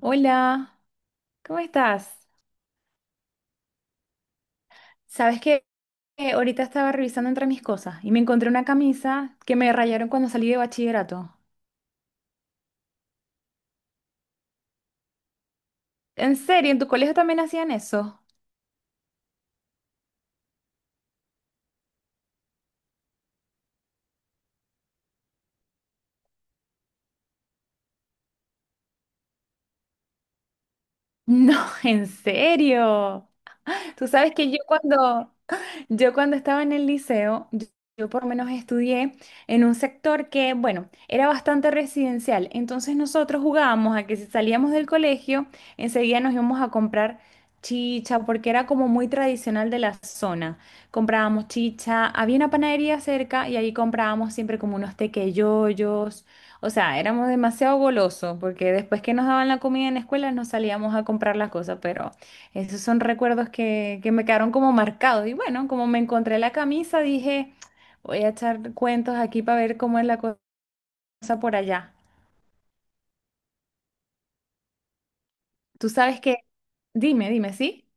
Hola, ¿cómo estás? Sabes que ahorita estaba revisando entre mis cosas y me encontré una camisa que me rayaron cuando salí de bachillerato. ¿En serio? ¿En tu colegio también hacían eso? No, en serio. Tú sabes que yo cuando estaba en el liceo, yo por lo menos estudié en un sector que, bueno, era bastante residencial. Entonces nosotros jugábamos a que si salíamos del colegio, enseguida nos íbamos a comprar chicha, porque era como muy tradicional de la zona. Comprábamos chicha, había una panadería cerca y ahí comprábamos siempre como unos tequeyoyos. O sea, éramos demasiado golosos, porque después que nos daban la comida en la escuela, nos salíamos a comprar las cosas, pero. Esos son recuerdos que me quedaron como marcados. Y bueno, como me encontré la camisa, dije, voy a echar cuentos aquí para ver cómo es la cosa por allá. Tú sabes que, dime, dime, ¿sí?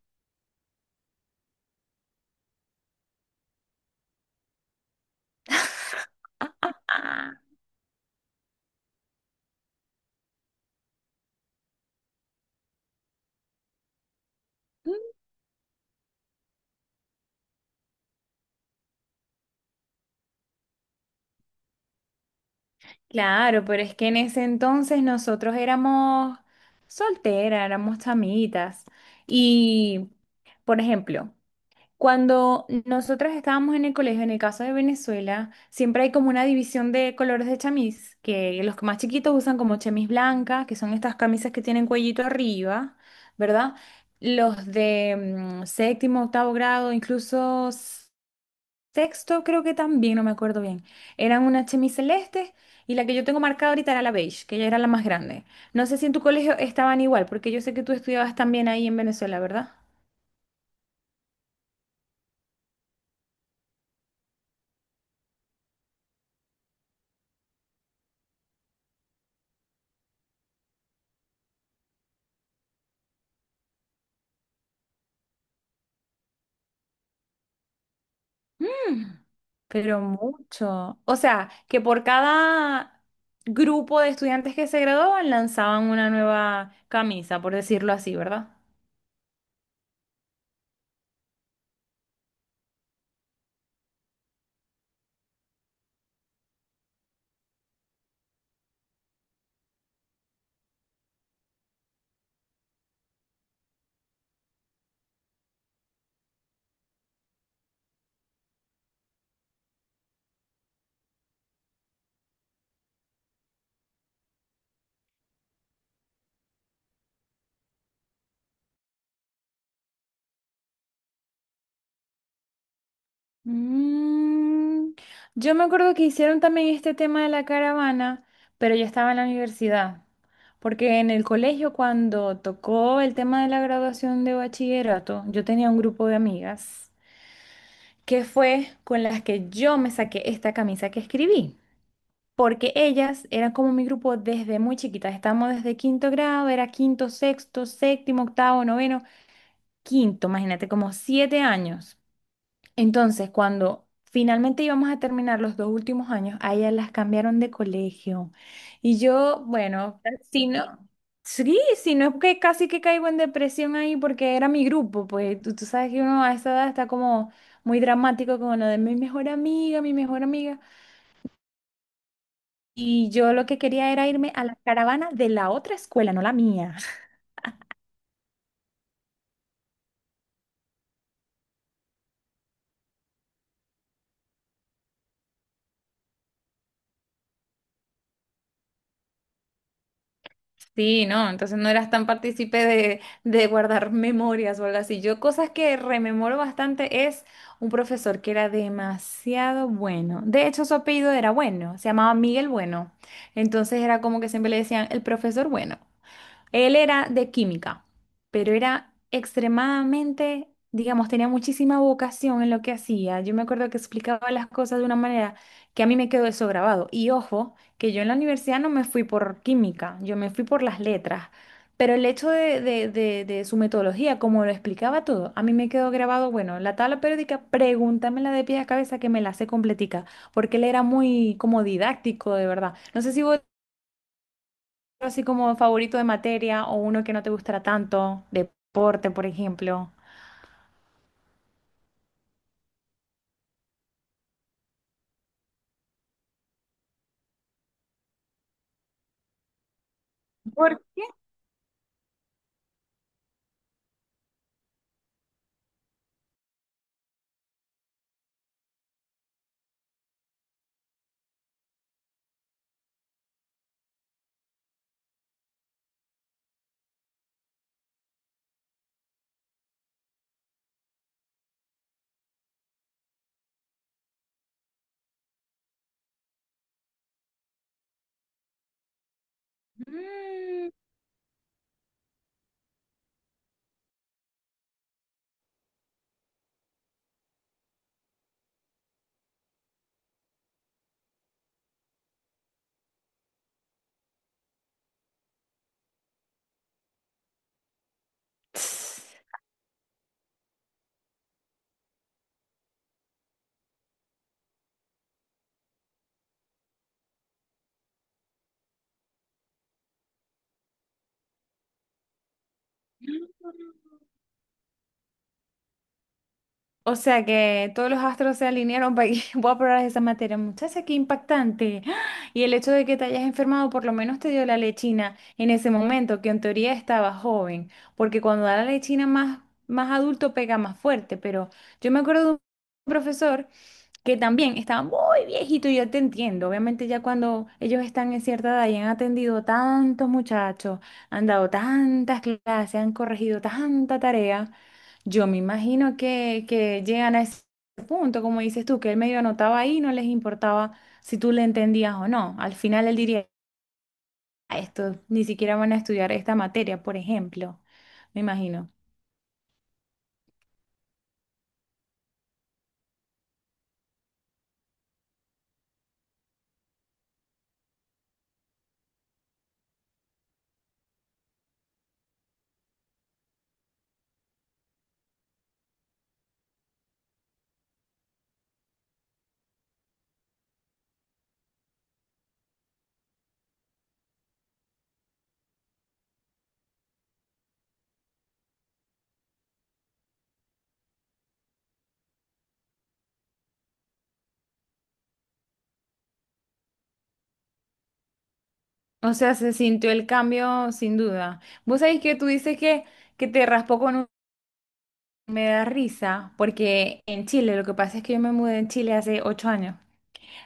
Ah, mm. Claro, pero es que en ese entonces nosotros éramos solteras, éramos chamitas. Y, por ejemplo, cuando nosotras estábamos en el colegio, en el caso de Venezuela, siempre hay como una división de colores de chamis, que los más chiquitos usan como chamis blancas, que son estas camisas que tienen cuellito arriba, ¿verdad? Los de séptimo, octavo grado, incluso sexto, creo que también, no me acuerdo bien. Eran una chemis celeste y la que yo tengo marcada ahorita era la beige, que ya era la más grande. No sé si en tu colegio estaban igual, porque yo sé que tú estudiabas también ahí en Venezuela, ¿verdad? Pero mucho. O sea, que por cada grupo de estudiantes que se graduaban lanzaban una nueva camisa, por decirlo así, ¿verdad? Mm, yo me acuerdo que hicieron también este tema de la caravana, pero yo estaba en la universidad, porque en el colegio cuando tocó el tema de la graduación de bachillerato, yo tenía un grupo de amigas que fue con las que yo me saqué esta camisa que escribí, porque ellas eran como mi grupo desde muy chiquitas. Estábamos desde quinto grado, era quinto, sexto, séptimo, octavo, noveno, quinto, imagínate, como 7 años. Entonces, cuando finalmente íbamos a terminar los dos últimos años, a ellas las cambiaron de colegio. Y yo, bueno, si no, sí, si no es que casi que caigo en depresión ahí porque era mi grupo, pues tú sabes que uno a esa edad está como muy dramático con lo de mi mejor amiga, mi mejor amiga. Y yo lo que quería era irme a la caravana de la otra escuela, no la mía. Sí, no, entonces no eras tan partícipe de guardar memorias o algo así. Yo cosas que rememoro bastante es un profesor que era demasiado bueno. De hecho, su apellido era Bueno, se llamaba Miguel Bueno. Entonces era como que siempre le decían el profesor Bueno. Él era de química, pero era extremadamente, digamos, tenía muchísima vocación en lo que hacía. Yo me acuerdo que explicaba las cosas de una manera que a mí me quedó eso grabado. Y ojo, que yo en la universidad no me fui por química, yo me fui por las letras. Pero el hecho de su metodología, como lo explicaba todo, a mí me quedó grabado, bueno, la tabla periódica, pregúntamela de pies a cabeza que me la sé completica, porque él era muy como didáctico, de verdad. No sé si vos así como favorito de materia o uno que no te gustara tanto, deporte, por ejemplo. ¿Por qué? Mm, tss. O sea que todos los astros se alinearon para que voy a aprobar esa materia. Muchacha, qué impactante. ¡Ah! Y el hecho de que te hayas enfermado por lo menos te dio la lechina en ese momento, que en teoría estaba joven, porque cuando da la lechina más adulto pega más fuerte. Pero yo me acuerdo de un profesor que también estaba muy viejito y yo te entiendo. Obviamente ya cuando ellos están en cierta edad y han atendido tantos muchachos, han dado tantas clases, han corregido tanta tarea, yo me imagino que llegan a ese punto, como dices tú, que él medio anotaba ahí, no les importaba si tú le entendías o no. Al final él diría, "Ah, esto ni siquiera van a estudiar esta materia, por ejemplo, me imagino." O sea, se sintió el cambio sin duda. Vos sabés que tú dices que, te raspó con un. Me da risa porque en Chile, lo que pasa es que yo me mudé en Chile hace 8 años.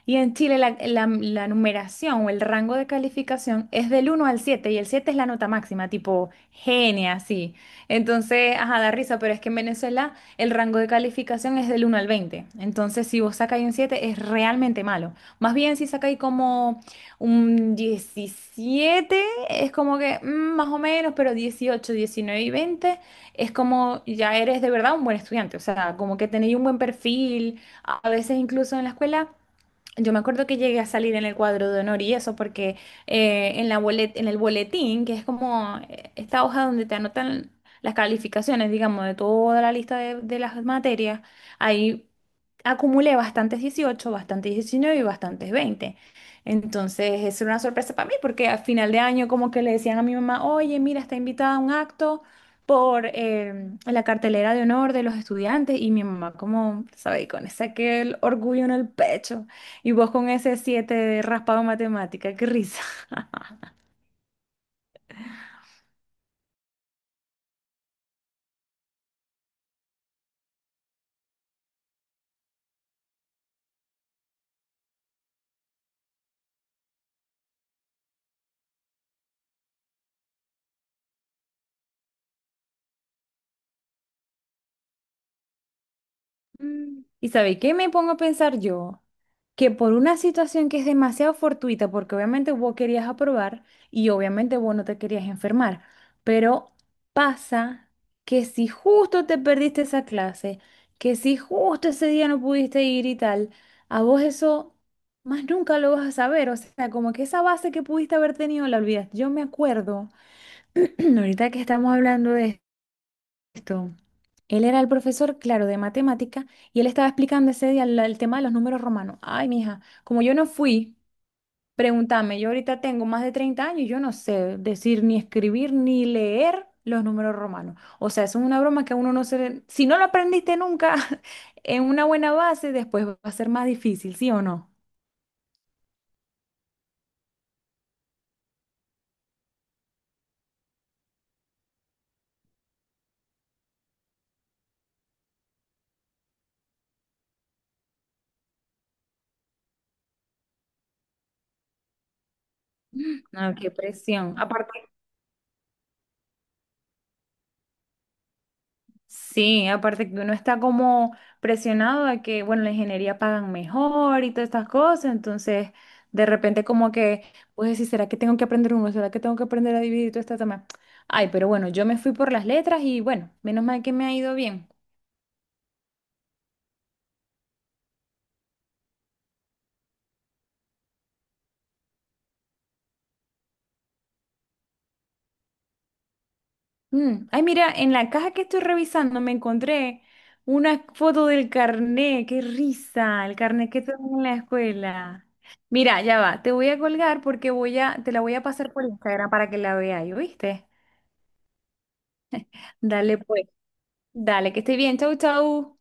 Y en Chile la numeración o el rango de calificación es del 1 al 7 y el 7 es la nota máxima, tipo genia, así. Entonces, ajá, da risa, pero es que en Venezuela el rango de calificación es del 1 al 20. Entonces, si vos sacáis un 7 es realmente malo. Más bien si sacáis como un 17 es como que mm, más o menos, pero dieciocho, 19 y 20 es como ya eres de verdad un buen estudiante, o sea, como que tenéis un buen perfil, a veces incluso en la escuela. Yo me acuerdo que llegué a salir en el cuadro de honor y eso porque en la en el boletín, que es como esta hoja donde te anotan las calificaciones, digamos, de toda la lista de las materias, ahí acumulé bastantes dieciocho, bastantes 19 y bastantes veinte. Entonces, eso era una sorpresa para mí porque a final de año como que le decían a mi mamá, oye, mira, está invitada a un acto por la cartelera de honor de los estudiantes y mi mamá como, ¿sabes? Con ese aquel orgullo en el pecho y vos con ese 7 de raspado en matemática, qué risa. Mm. ¿Y sabéis qué me pongo a pensar yo? Que por una situación que es demasiado fortuita, porque obviamente vos querías aprobar y obviamente vos no te querías enfermar, pero pasa que si justo te perdiste esa clase, que si justo ese día no pudiste ir y tal, a vos eso más nunca lo vas a saber, o sea, como que esa base que pudiste haber tenido la olvidas. Yo me acuerdo, ahorita que estamos hablando de esto. Él era el profesor, claro, de matemática, y él estaba explicando ese día el tema de los números romanos. Ay, mija, como yo no fui, pregúntame, yo ahorita tengo más de 30 años y yo no sé decir ni escribir ni leer los números romanos. O sea, eso es una broma que uno no se. Si no lo aprendiste nunca en una buena base, después va a ser más difícil, ¿sí o no? Ah, qué presión. Aparte. Sí, aparte que uno está como presionado de que, bueno, la ingeniería pagan mejor y todas estas cosas, entonces de repente como que, pues decir, ¿será que tengo que aprender uno? ¿Será que tengo que aprender a dividir y todo este tema? Ay, pero bueno, yo me fui por las letras y bueno, menos mal que me ha ido bien. Ay, mira, en la caja que estoy revisando me encontré una foto del carnet, qué risa, el carnet que tengo en la escuela. Mira, ya va, te voy a colgar porque te la voy a pasar por Instagram para que la veas, ¿y viste? Dale pues, dale, que esté bien, chau, chau.